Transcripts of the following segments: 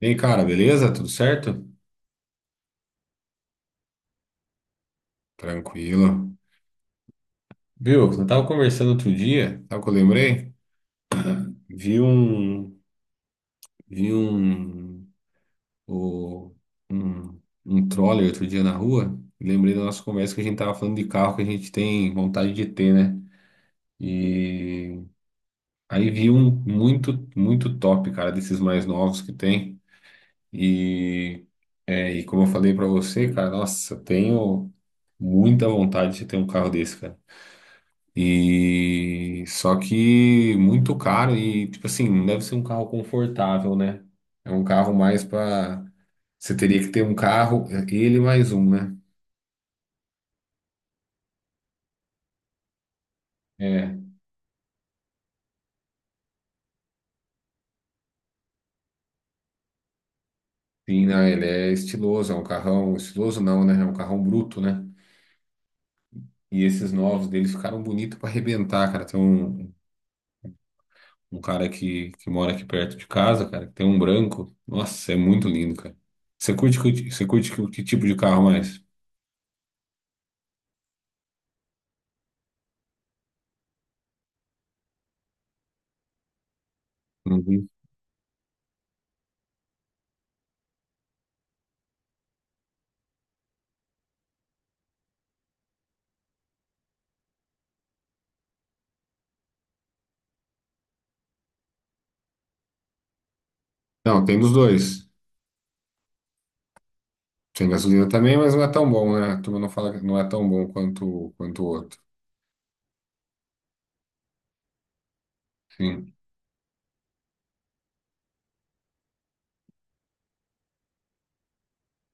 E aí, cara, beleza? Tudo certo? Tranquilo. Viu, eu tava conversando outro dia, sabe o que eu lembrei? Vi um, vi um, o- um, um troller outro dia na rua, e lembrei da nossa conversa que a gente tava falando de carro que a gente tem vontade de ter, né? E aí vi um muito, muito top, cara, desses mais novos que tem. E, e como eu falei pra você, cara, nossa, eu tenho muita vontade de ter um carro desse, cara. E só que muito caro e tipo assim, não deve ser um carro confortável, né? É um carro mais para você teria que ter um carro, é, ele mais um, né? É, sim, né? Ele é estiloso, é um carrão estiloso não, né? É um carrão bruto, né? E esses novos deles ficaram bonitos para arrebentar, cara. Tem um, um cara que mora aqui perto de casa, cara, que tem um branco. Nossa, é muito lindo, cara. Você curte que tipo de carro mais? Uhum. Não, tem dos dois. Tem gasolina também, mas não é tão bom, né? A turma não fala que não é tão bom quanto, quanto o outro. Sim.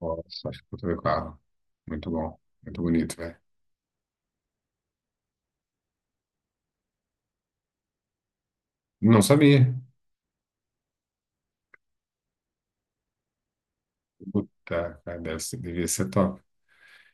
Nossa, acho que eu tô vendo o carro. Muito bom. Muito bonito, velho. Não sabia. Puta, cara, deve ser, devia ser top.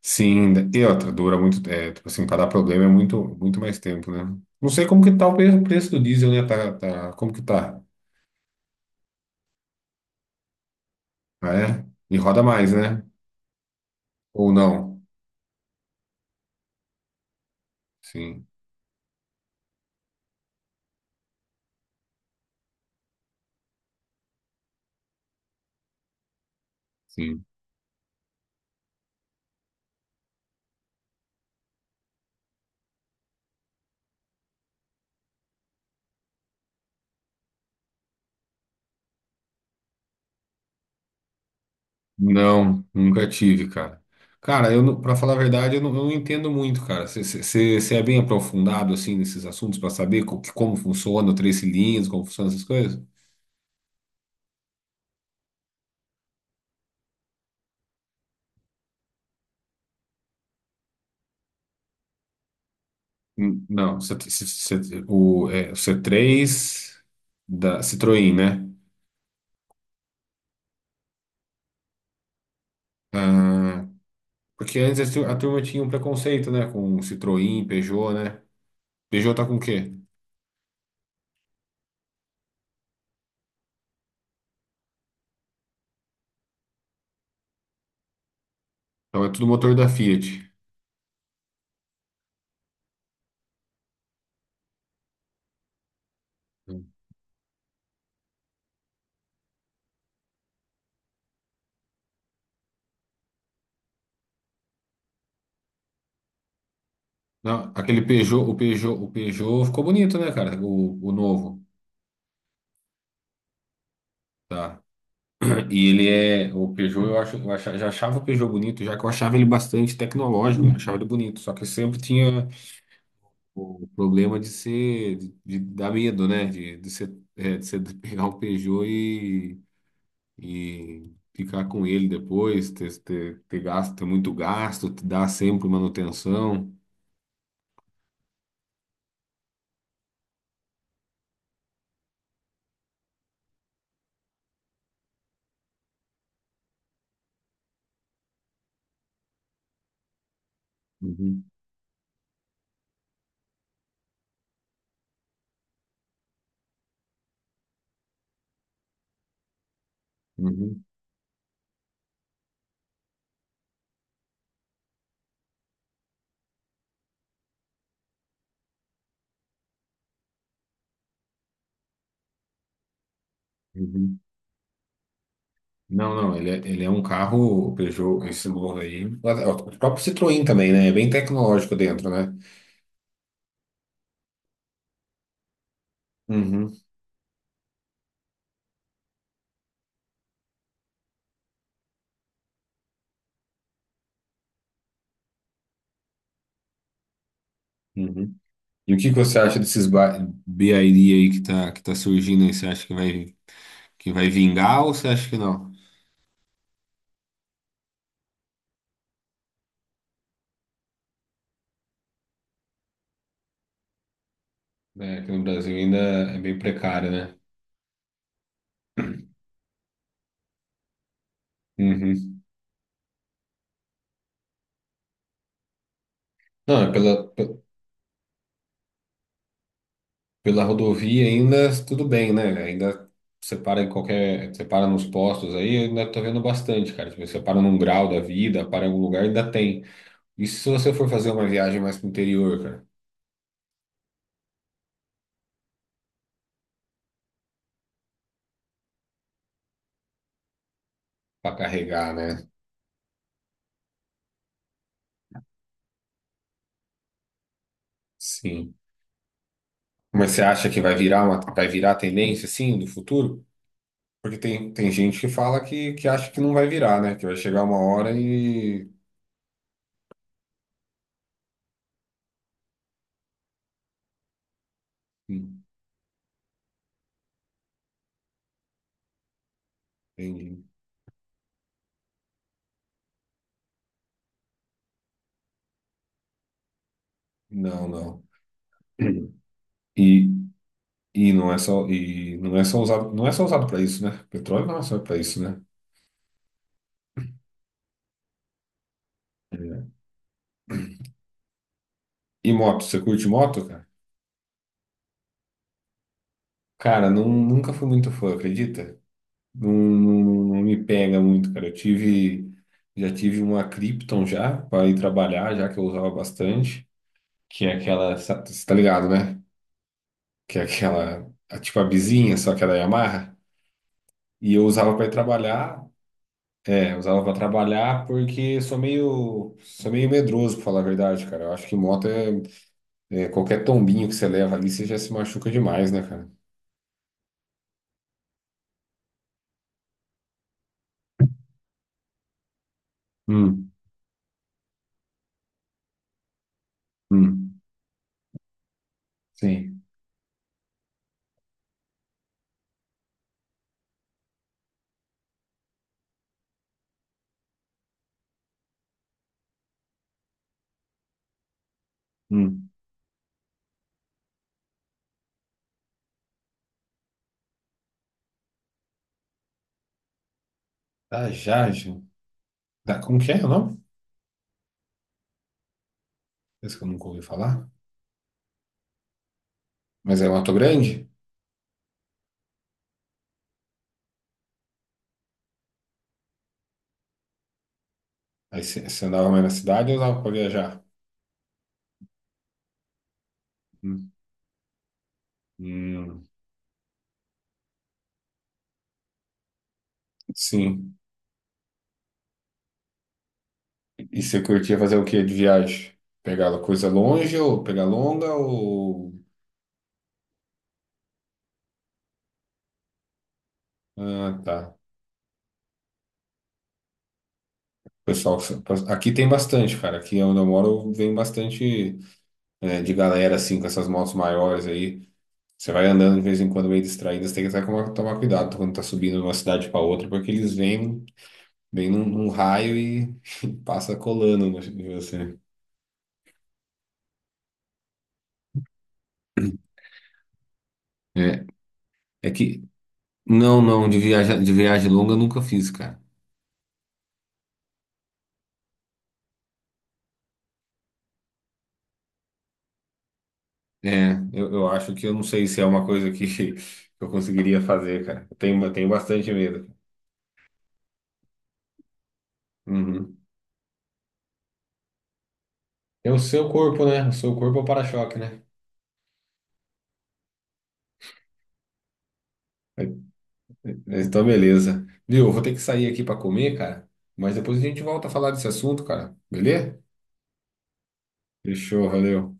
Sim, e outra, dura muito. É, tipo assim, pra dar problema é muito, muito mais tempo, né? Não sei como que tá o pre- preço do diesel, né? Tá, tá, como que tá? Ah, é? E roda mais, né? Ou não? Sim, sim. Não, nunca tive, cara. Cara, não- pra falar a verdade, eu não entendo muito, cara. Você é bem aprofundado, assim, nesses assuntos pra saber co- que- como funciona o três cilindros, como funcionam essas coisas? N- Não, cê- cê- cê- o, é, o c três da Citroën, né? Ah, porque antes a tur- a turma tinha um preconceito, né? Com Citroën, Peugeot, né? Peugeot tá com o quê? Então é tudo motor da Fiat. Não, aquele Peugeot, o Peugeot ficou bonito, né, cara? O novo. Tá? E ele é, o Peugeot, eu acho, eu acha- já achava o Peugeot bonito, já que eu achava ele bastante tecnológico, eu achava ele bonito, só que sempre tinha o problema de ser, de dar medo, né? De ser, é, de você pegar um Peugeot e ficar com ele depois, ter, ter, ter gasto, ter muito gasto, te dar sempre manutenção. Uhum, uhum, uhum. Não, não, ele é um carro, o Peugeot, esse novo aí. O próprio Citroën também, né? É bem tecnológico dentro, né? Uhum, uhum. E o que que você acha desses ba- BID aí que tá surgindo aí? Você acha que vai vingar ou você acha que não? É, aqui no Brasil ainda é bem precário, né? Uhum. Não, é pela, pe- pela rodovia ainda tudo bem, né? Ainda você para em qualquer. Você para nos postos aí, eu ainda tô vendo bastante, cara. Tipo, você para num grau da vida, para em algum lugar, ainda tem. E se você for fazer uma viagem mais pro interior, cara, pra carregar, né? Sim. Mas você acha que vai virar uma, vai virar a tendência, assim, do futuro? Porque tem, tem gente que fala que acha que não vai virar, né? Que vai chegar uma hora e. Hum. Entendi. Não, não. E, e não é só, e não é só usado, não é só usado para isso, né? Petróleo não é só para isso, né? É. E moto, você curte moto, cara? Cara, não, nunca fui muito fã, acredita? Não, não, não me pega muito, cara. Eu tive, já tive uma Krypton já para ir trabalhar, já que eu usava bastante, que é aquela, sa- você tá ligado, né? Que é aquela, a- tipo a bizinha, só que é da Yamaha. E eu usava para ir trabalhar, é, eu usava para trabalhar porque sou meio medroso, para falar a verdade, cara. Eu acho que moto é, é qualquer tombinho que você leva ali, você já se machuca demais, né, cara? Hum, hum, sim, hum. Da Jagem. Da, como que é o nome? Esse que eu nunca ouvi falar. Mas é Mato Grande? Aí você você andava mais na cidade ou usava para viajar? Hum, hum, sim. E você curtia fazer o que de viagem? Pegar coisa longe ou pegar longa ou. Ah, tá. Pessoal, aqui tem bastante, cara. Aqui onde eu moro vem bastante é, de galera assim com essas motos maiores aí. Você vai andando de vez em quando meio distraído, você tem que até tomar, tomar cuidado quando tá subindo de uma cidade para outra, porque eles vêm bem num, num raio e passa colando né, em você. É, é que não, não, de viagem longa eu nunca fiz, cara. Eu acho que eu não sei se é uma coisa que eu conseguiria fazer, cara. Eu tenho bastante medo. Uhum. É o seu corpo, né? O seu corpo é o para-choque, né? Então, beleza. Viu? Eu vou ter que sair aqui para comer, cara. Mas depois a gente volta a falar desse assunto, cara. Beleza? Fechou, valeu.